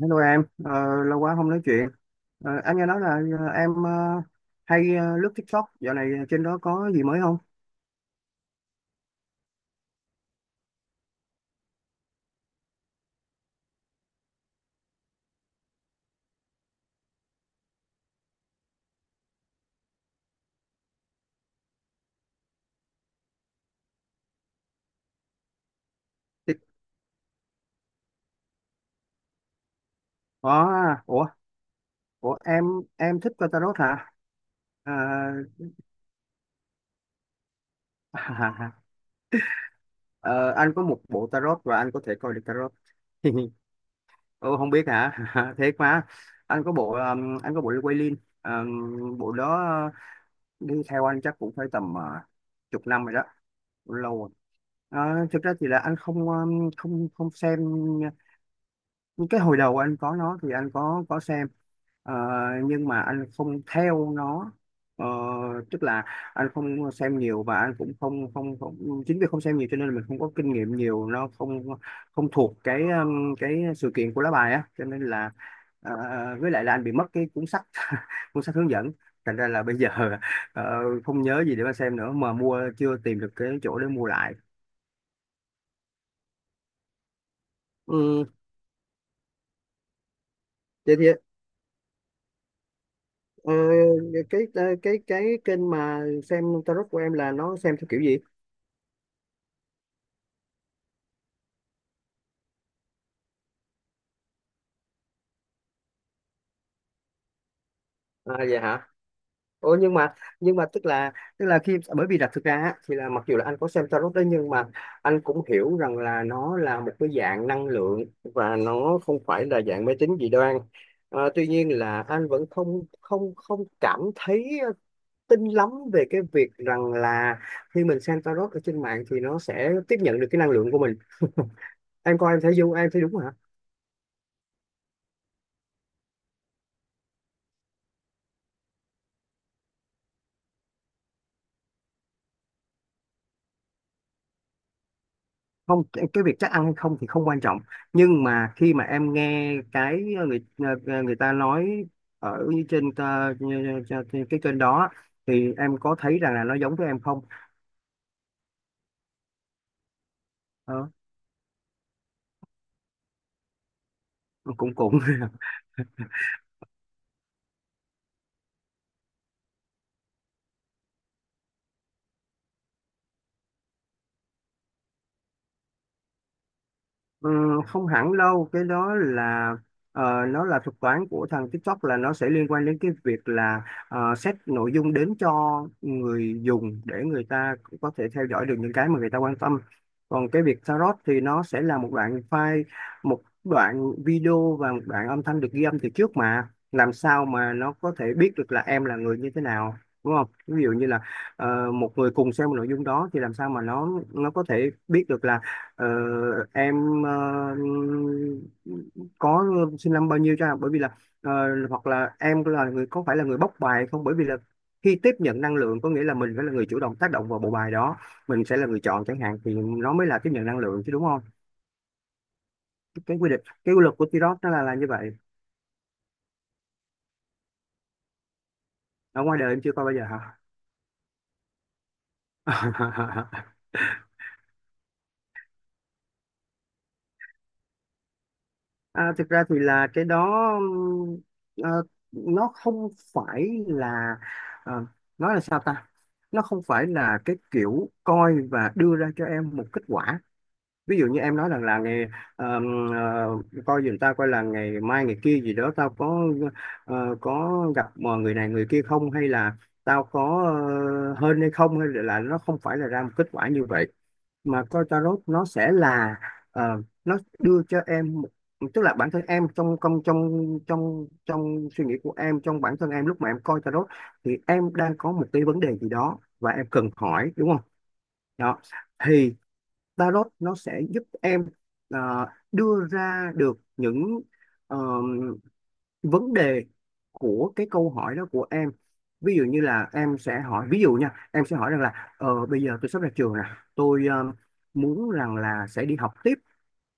Hello em, lâu quá không nói chuyện. Anh nghe nói là em hay lướt TikTok, dạo này trên đó có gì mới không? Tik- Có. À, ủa em thích coi tarot hả? À, ờ, anh có một bộ tarot và anh có thể coi được tarot. Ồ, không biết hả? Thế quá. Anh có bộ Wailing, bộ đó đi theo anh chắc cũng phải tầm chục năm rồi đó, lâu rồi. Thực ra thì là anh không không không xem. Cái hồi đầu anh có nó thì anh có xem, Ờ, nhưng mà anh không theo nó. Ờ, Tức là anh không xem nhiều, và anh cũng không không, không chính vì không xem nhiều cho nên là mình không có kinh nghiệm nhiều, nó không không thuộc cái sự kiện của lá bài á, cho nên là ờ, với lại là anh bị mất cái cuốn sách. Cuốn sách hướng dẫn, thành ra là bây giờ ờ, không nhớ gì để mà xem nữa, mà mua chưa tìm được cái chỗ để mua lại. ừ, Thế thì Ờ, cái kênh mà xem tarot của em là nó xem theo kiểu gì? À vậy hả? Ủa, nhưng mà tức là bởi vì là thực ra á, thì là mặc dù là anh có xem tarot đấy, nhưng mà anh cũng hiểu rằng là nó là một cái dạng năng lượng và nó không phải là dạng mê tín dị đoan. Tuy nhiên là anh vẫn không không không cảm thấy tin lắm về cái việc rằng là khi mình xem tarot ở trên mạng thì nó sẽ tiếp nhận được cái năng lượng của mình. Em coi em thấy vô, em thấy đúng hả? Không, cái việc chắc ăn hay không thì không quan trọng, nhưng mà khi mà em nghe cái người ta nói ở trên cái kênh đó thì em có thấy rằng là nó giống với em không? Ờ, cũng cũng không hẳn đâu, cái đó là nó là thuật toán của thằng TikTok, là nó sẽ liên quan đến cái việc là set nội dung đến cho người dùng để người ta cũng có thể theo dõi được những cái mà người ta quan tâm. Còn cái việc tarot thì nó sẽ là một đoạn file, một đoạn video và một đoạn âm thanh được ghi âm từ trước, mà làm sao mà nó có thể biết được là em là người như thế nào? Đúng không? Ví dụ như là một người cùng xem một nội dung đó thì làm sao mà nó có thể biết được là Ờ, em có xin năm bao nhiêu cho, bởi vì là ờ, hoặc là em là người có phải là người bóc bài không, bởi vì là khi tiếp nhận năng lượng có nghĩa là mình phải là người chủ động tác động vào bộ bài đó, mình sẽ là người chọn chẳng hạn, thì nó mới là tiếp nhận năng lượng chứ, đúng không? Cái quy luật của Tirok nó là như vậy. Ở ngoài đời em chưa coi bao giờ hả? À, thực ra thì là cái đó ờ, nó không phải là, ờ, nói là sao ta, nó không phải là cái kiểu coi và đưa ra cho em một kết quả. Ví dụ như em nói rằng là ờm, coi giùm tao coi là ngày mai ngày kia gì đó, tao có có gặp mà người này người kia không, hay là tao có hên hay không, hay là nó không phải là ra một kết quả như vậy, mà coi tarot nó sẽ là nó đưa cho em tức là bản thân em trong trong trong trong trong suy nghĩ của em, trong bản thân em lúc mà em coi tarot thì em đang có một cái vấn đề gì đó và em cần hỏi, đúng không? Đó, thì tarot nó sẽ giúp em ờ, đưa ra được những ờ, vấn đề của cái câu hỏi đó của em. Ví dụ như là em sẽ hỏi, ví dụ nha, em sẽ hỏi rằng là bây giờ tôi sắp ra trường nè, tôi muốn rằng là sẽ đi học tiếp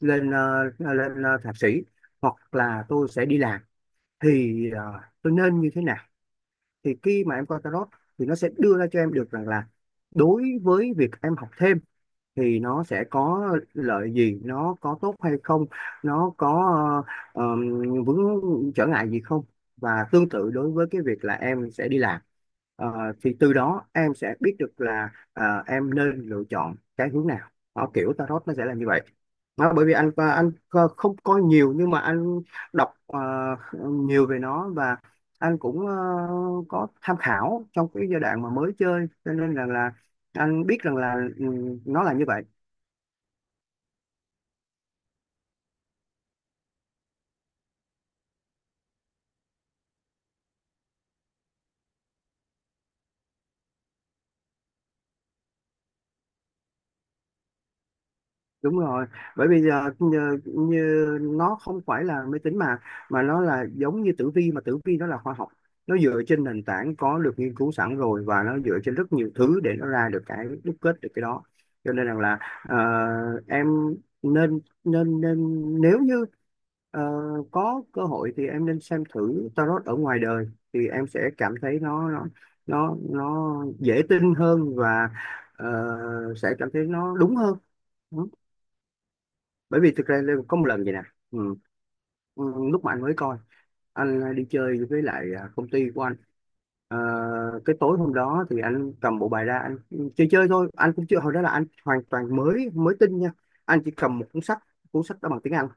lên thạc sĩ, hoặc là tôi sẽ đi làm, thì tôi nên như thế nào? Thì khi mà em coi tarot thì nó sẽ đưa ra cho em được rằng là đối với việc em học thêm thì nó sẽ có lợi gì, nó có tốt hay không, nó có ờ, ờm, vướng trở ngại gì không, và tương tự đối với cái việc là em sẽ đi làm. Thì từ đó em sẽ biết được là à, em nên lựa chọn cái hướng nào. Đó, kiểu tarot nó sẽ là như vậy. Đó, bởi vì anh không coi nhiều nhưng mà anh đọc nhiều về nó, và anh cũng có tham khảo trong cái giai đoạn mà mới chơi, cho nên rằng là anh biết rằng là nó là như vậy. Đúng rồi, bởi bây giờ như nó không phải là máy tính, mà nó là giống như tử vi, mà tử vi nó là khoa học. Nó dựa trên nền tảng có được nghiên cứu sẵn rồi và nó dựa trên rất nhiều thứ để nó ra được cái, đúc kết được cái đó. Cho nên rằng là ờ, em nên nên nên nếu như ờ, có cơ hội thì em nên xem thử tarot ở ngoài đời, thì em sẽ cảm thấy nó nó dễ tin hơn, và ờ, sẽ cảm thấy nó đúng hơn. Bởi vì thực ra Lê có một lần vậy nè. ừ. ừ, Lúc mà anh mới coi, anh đi chơi với lại à, công ty của anh. Ờ, cái tối hôm đó thì anh cầm bộ bài ra anh chơi chơi thôi, anh cũng chưa, hồi đó là anh hoàn toàn mới, mới tin nha. Anh chỉ cầm một cuốn sách. Cuốn sách đó bằng tiếng Anh,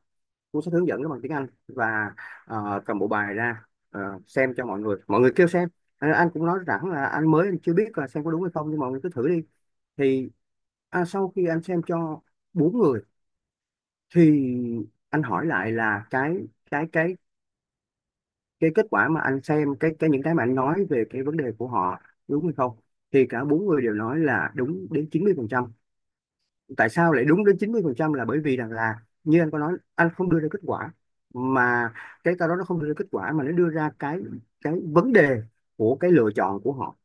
cuốn sách hướng dẫn đó bằng tiếng Anh, và cầm bộ bài ra xem cho mọi người, mọi người kêu xem. Anh cũng nói rằng là anh mới, anh chưa biết là xem có đúng hay không, nhưng mọi người cứ thử đi. Thì à, sau khi anh xem cho bốn người thì anh hỏi lại là cái cái cái kết quả mà anh xem, cái những cái mà anh nói về cái vấn đề của họ đúng hay không, thì cả bốn người đều nói là đúng đến 90%. Tại sao lại đúng đến 90% là bởi vì rằng là như anh có nói, anh không đưa ra kết quả, mà cái đó nó không đưa ra kết quả, mà nó đưa ra cái vấn đề của cái lựa chọn của họ.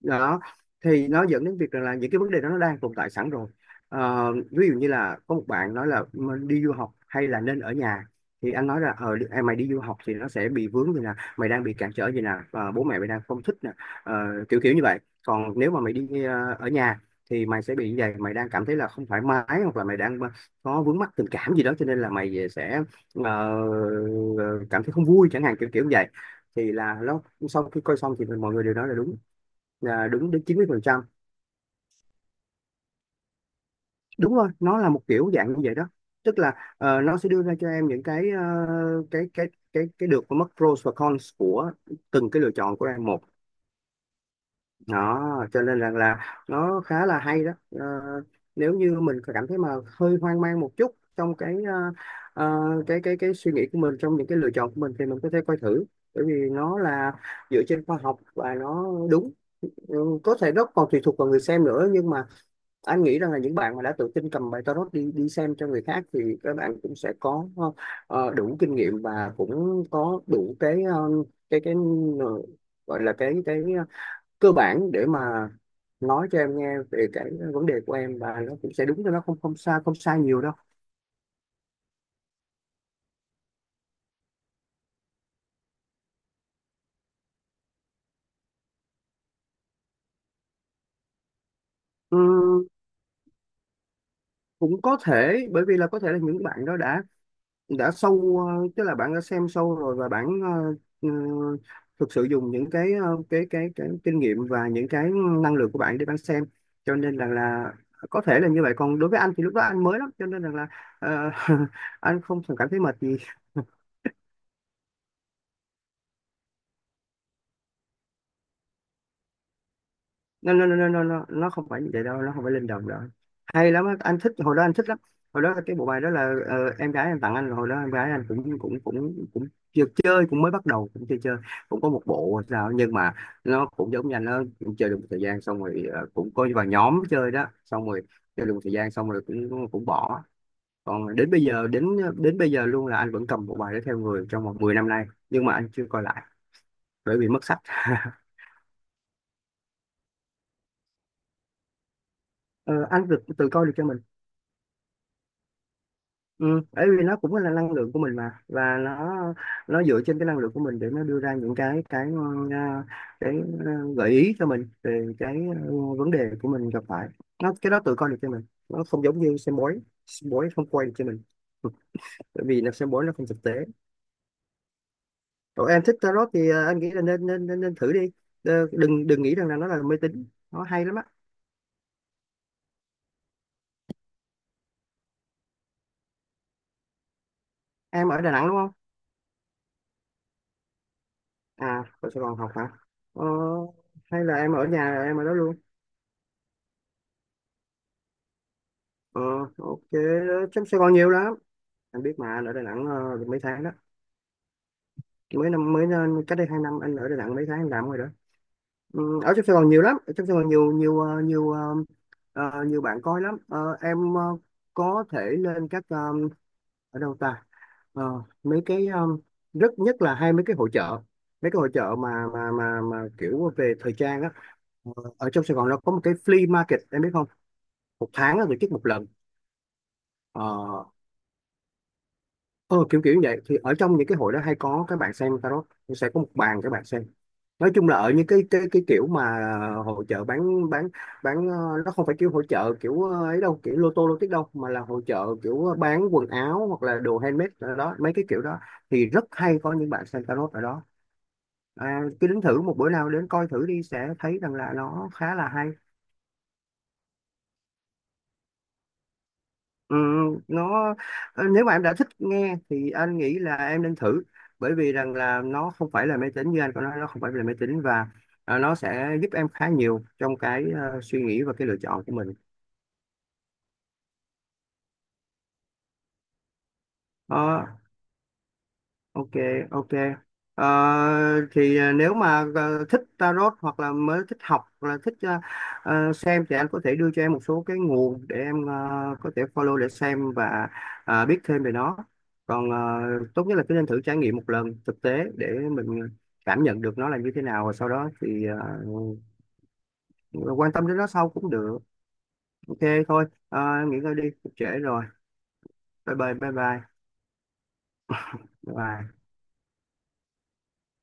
Đó, thì nó dẫn đến việc rằng là những cái vấn đề đó nó đang tồn tại sẵn rồi. Ví dụ như là có một bạn nói là "Mình đi du học hay là nên ở nhà", thì anh nói là mày đi du học thì nó sẽ bị vướng như nè, mày đang bị cản trở gì nè, và bố mẹ mày đang không thích nè. Ờ, Kiểu kiểu như vậy. Còn nếu mà mày đi ở nhà thì mày sẽ bị như vậy, mày đang cảm thấy là không thoải mái, hoặc là mày đang có vướng mắc tình cảm gì đó, cho nên là mày sẽ ờ, cảm thấy không vui chẳng hạn, kiểu kiểu như vậy. Thì là nó, sau khi coi xong thì mọi người đều nói là đúng, là đúng đến chín mươi phần trăm. Đúng rồi, nó là một kiểu dạng như vậy đó. Tức là nó sẽ đưa ra cho em những cái cái cái cái được và mất, pros và cons của từng cái lựa chọn của em một. Đó, cho nên là nó khá là hay đó. Ờ, Nếu như mình cảm thấy mà hơi hoang mang một chút trong cái ờ, ờ, cái suy nghĩ của mình trong những cái lựa chọn của mình thì mình có thể coi thử, bởi vì nó là dựa trên khoa học và nó đúng. Ừ, có thể nó còn tùy thuộc vào người xem nữa, nhưng mà anh nghĩ rằng là những bạn mà đã tự tin cầm bài tarot đi đi xem cho người khác thì các bạn cũng sẽ có đủ kinh nghiệm và cũng có đủ cái ờ, gọi là cơ bản để mà nói cho em nghe về cái vấn đề của em, và nó cũng sẽ đúng cho, nó không không sai, không sai nhiều đâu. Ừm, cũng có thể bởi vì là có thể là những bạn đó đã tức là bạn đã xem sâu rồi, và bạn ừ, thực sự dùng những cái kinh nghiệm và những cái năng lực của bạn để bạn xem, cho nên rằng là có thể là như vậy. Còn đối với anh thì lúc đó anh mới lắm, cho nên rằng là ờ, anh không cảm thấy mệt gì. Nó không phải như vậy đâu, nó không phải linh động đâu, hay lắm á. Anh thích, hồi đó anh thích lắm. Hồi đó cái bộ bài đó là em gái anh tặng anh. Hồi đó em gái anh cũng cũng cũng cũng chưa chơi, cũng mới bắt đầu, cũng chưa chơi, cũng có một bộ hay sao. Nhưng mà nó cũng giống như anh, nó cũng chơi được một thời gian, xong rồi cũng có vào nhóm chơi đó, xong rồi chơi được một thời gian xong rồi cũng cũng bỏ. Còn đến bây giờ đến đến bây giờ luôn là anh vẫn cầm bộ bài đó theo người trong vòng 10 năm nay, nhưng mà anh chưa coi lại bởi vì mất sách. Ờ, anh từ từ coi được cho mình. Ừ, bởi vì nó cũng là năng lượng của mình mà, và nó dựa trên cái năng lượng của mình để nó đưa ra những ờ, cái gợi ý cho mình về cái ờ, vấn đề của mình gặp phải. Nó, cái đó tự coi được cho mình, nó không giống như xem bói. Xem bói không quay được cho mình, bởi vì là xem bói nó không thực tế. Còn em thích tarot thì anh nghĩ là nên thử đi. Ờ, đừng đừng nghĩ rằng là nó là mê tín, nó hay lắm á. Em ở Đà Nẵng đúng không? À, ở Sài Gòn học hả? ờ, Hay là em ở nhà, em ở đó luôn? Ờ, ok, trong Sài Gòn nhiều lắm, anh biết mà. Anh ở Đà Nẵng được mấy tháng đó, mới cách đây 2 năm anh ở Đà Nẵng mấy tháng anh làm rồi đó. Ừ, ở trong Sài Gòn nhiều lắm, ở trong Sài Gòn nhiều nhiều ờ, ờ, nhiều bạn coi lắm. Ờ, em có thể lên các ở đâu ta, mấy cái rất nhất là hai mấy cái hội chợ, mấy cái hội chợ mà kiểu về thời trang á. Ờ, ở trong Sài Gòn nó có một cái flea market em biết không, một tháng nó tổ chức một lần. Ờ, Ờ, Kiểu kiểu như vậy thì ở trong những cái hội đó hay có các bạn xem tarot, nó sẽ có một bàn các bạn xem. Nói chung là ở những cái kiểu mà hội chợ bán, nó không phải kiểu hội chợ kiểu ấy đâu, kiểu lô tô lô tích đâu, mà là hội chợ kiểu bán quần áo hoặc là đồ handmade, ở đó mấy cái kiểu đó thì rất hay có những bạn xem tarot ở đó. À, cứ đến thử một bữa nào, đến coi thử đi, sẽ thấy rằng là nó khá là hay. Ừ, nó nếu mà em đã thích nghe thì anh nghĩ là em nên thử, bởi vì rằng là nó không phải là máy tính, như anh có nói, nó không phải là máy tính. Và à, nó sẽ giúp em khá nhiều trong cái suy nghĩ và cái lựa chọn của mình. Ờ, ok, ok. Ờ, thì à, nếu mà thích tarot hoặc là mới thích học hoặc là thích xem thì anh có thể đưa cho em một số cái nguồn để em có thể follow để xem và à, biết thêm về nó. Còn tốt nhất là cứ nên thử trải nghiệm một lần thực tế để mình cảm nhận được nó là như thế nào, và sau đó thì quan tâm đến nó sau cũng được. Ok, thôi, Ờ, nghỉ ngơi đi, cũng trễ rồi. Bye bye, bye bye, bye.